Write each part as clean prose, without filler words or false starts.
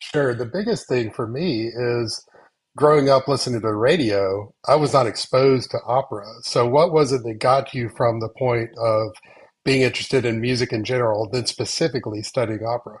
Sure. The biggest thing for me is growing up listening to the radio, I was not exposed to opera. So, what was it that got you from the point of being interested in music in general, then specifically studying opera?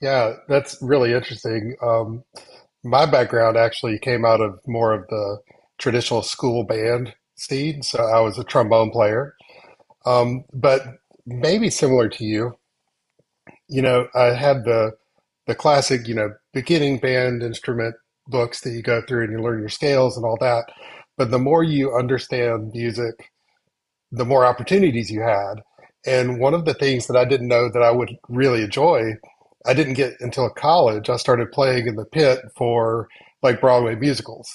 Yeah, that's really interesting. My background actually came out of more of the traditional school band scene. So, I was a trombone player. But maybe similar to you, you know, I had the classic, you know, beginning band instrument books that you go through and you learn your scales and all that. But the more you understand music, the more opportunities you had. And one of the things that I didn't know that I would really enjoy, I didn't get until college. I started playing in the pit for like Broadway musicals.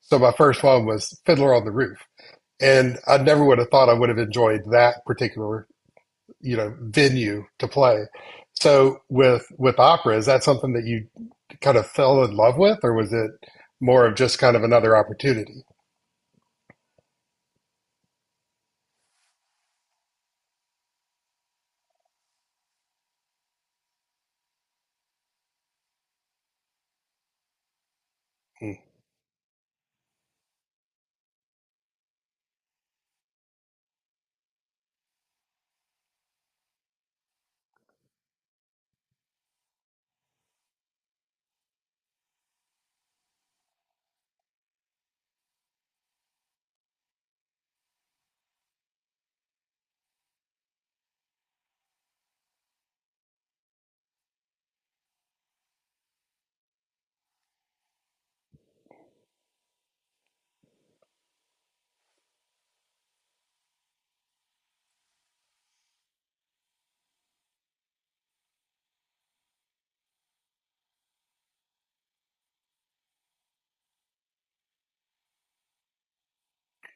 So my first one was Fiddler on the Roof. And I never would have thought I would have enjoyed that particular, you know, venue to play. So with operas, that's something that you kind of fell in love with, or was it more of just kind of another opportunity? Mm,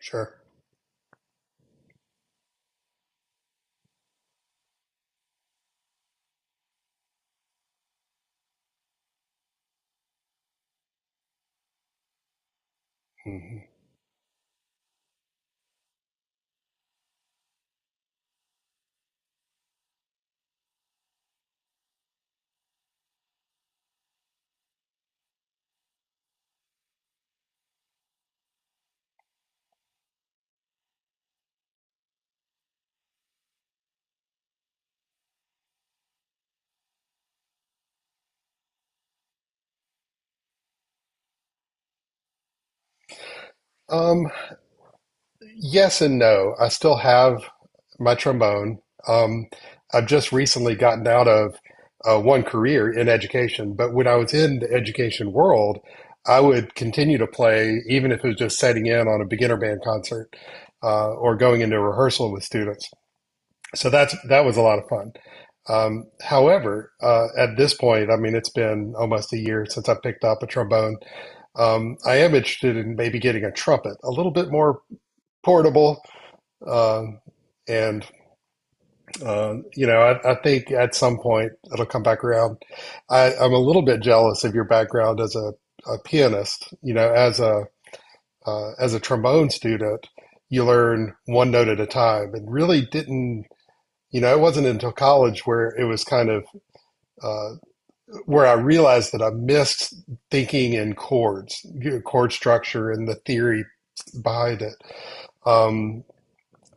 sure. Hmm. Um, yes and no. I still have my trombone. Um, I've just recently gotten out of one career in education, but when I was in the education world, I would continue to play even if it was just setting in on a beginner band concert or going into a rehearsal with students. So that was a lot of fun. However, at this point, I mean, it's been almost a year since I picked up a trombone. I am interested in maybe getting a trumpet, a little bit more portable. Um and you know, I think at some point it'll come back around. I'm a little bit jealous of your background as a pianist. You know, as a trombone student, you learn one note at a time, and really didn't you know, it wasn't until college where it was kind of uh, where I realized that I missed thinking in chords, chord structure, and the theory behind it. Um,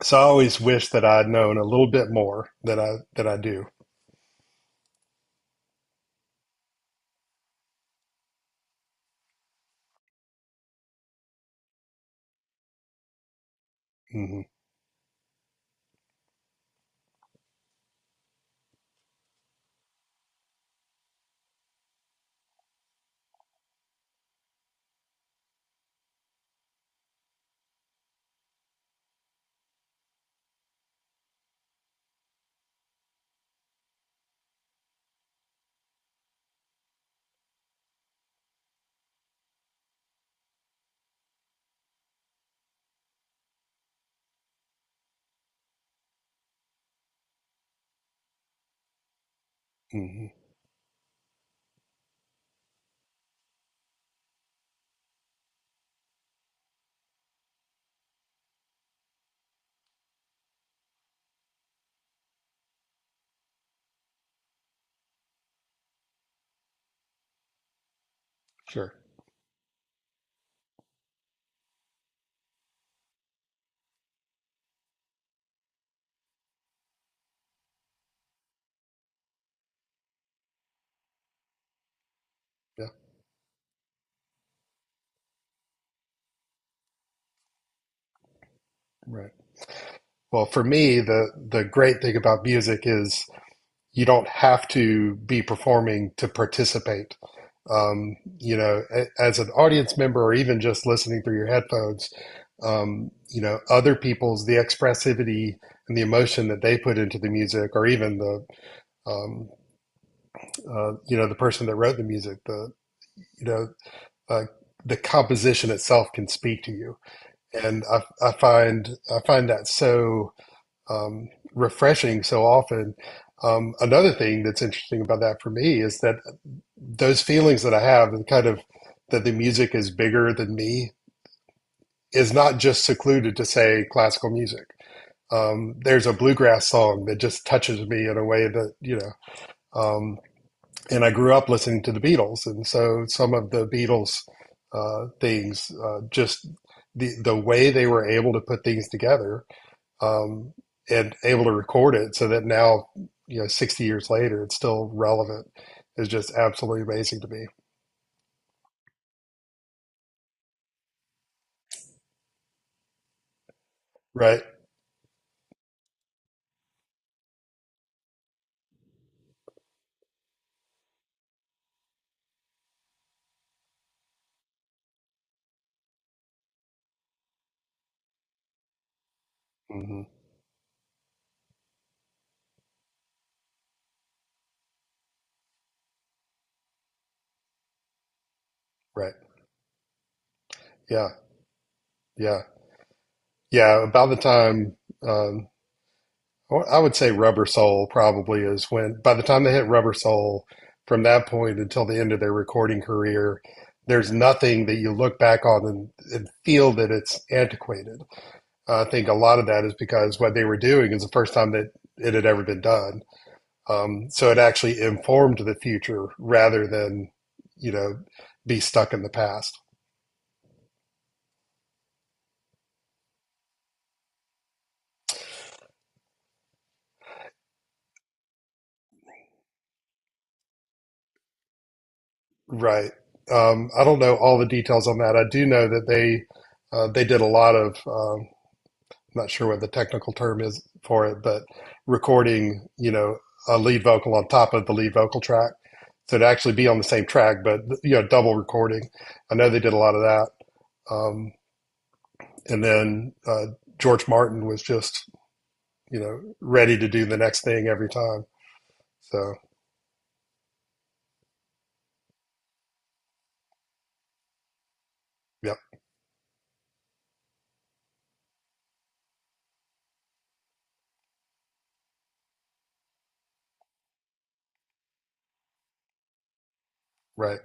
so I always wish that I'd known a little bit more than I do. Hmm. Hmm. Sure. Yeah. Right. Well, for me, the great thing about music is you don't have to be performing to participate. You know, as an audience member or even just listening through your headphones, you know, other the expressivity and the emotion that they put into the music, or even the, um, you know, the person that wrote the music, you know, uh, the composition itself can speak to you. And I find that so, um, refreshing so often. Another thing that's interesting about that for me is that those feelings that I have, and kind of that the music is bigger than me, is not just secluded to say classical music. There's a bluegrass song that just touches me in a way that you know. Um, and I grew up listening to the Beatles, and so some of the Beatles things, just the way they were able to put things together, um, and able to record it, so that now you know, 60 years later, it's still relevant, is just absolutely amazing to me. Right. Mm-hmm. Right. Yeah. Yeah. Yeah. About the time, um, I would say Rubber Soul probably is when, by the time they hit Rubber Soul, from that point until the end of their recording career, there's nothing that you look back on and feel that it's antiquated. I think a lot of that is because what they were doing is the first time that it had ever been done. So it actually informed the future rather than, you know, be stuck in the past. Right. I don't know all the details on that. I do know that they did a lot of I'm not sure what the technical term is for it, but recording you know a lead vocal on top of the lead vocal track, so to actually be on the same track, but you know double recording. I know they did a lot of that, um, and then George Martin was just you know ready to do the next thing every time. So yep, right,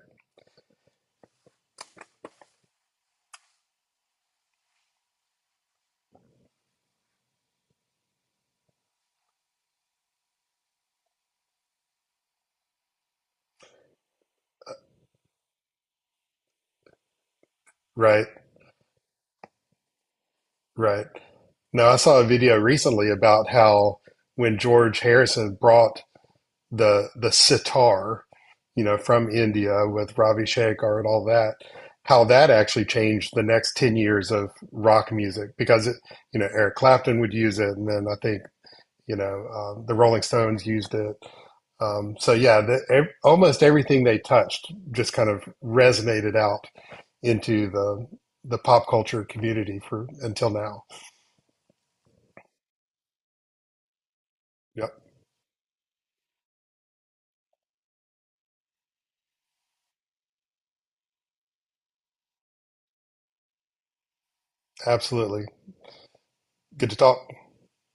right, right. Now, I saw a video recently about how when George Harrison brought the sitar, you know, from India with Ravi Shankar and all that, how that actually changed the next 10 years of rock music because it, you know, Eric Clapton would use it and then I think, you know, the Rolling Stones used it. So yeah, the, ev almost everything they touched just kind of resonated out into the pop culture community for until now. Yep, absolutely. Good to talk.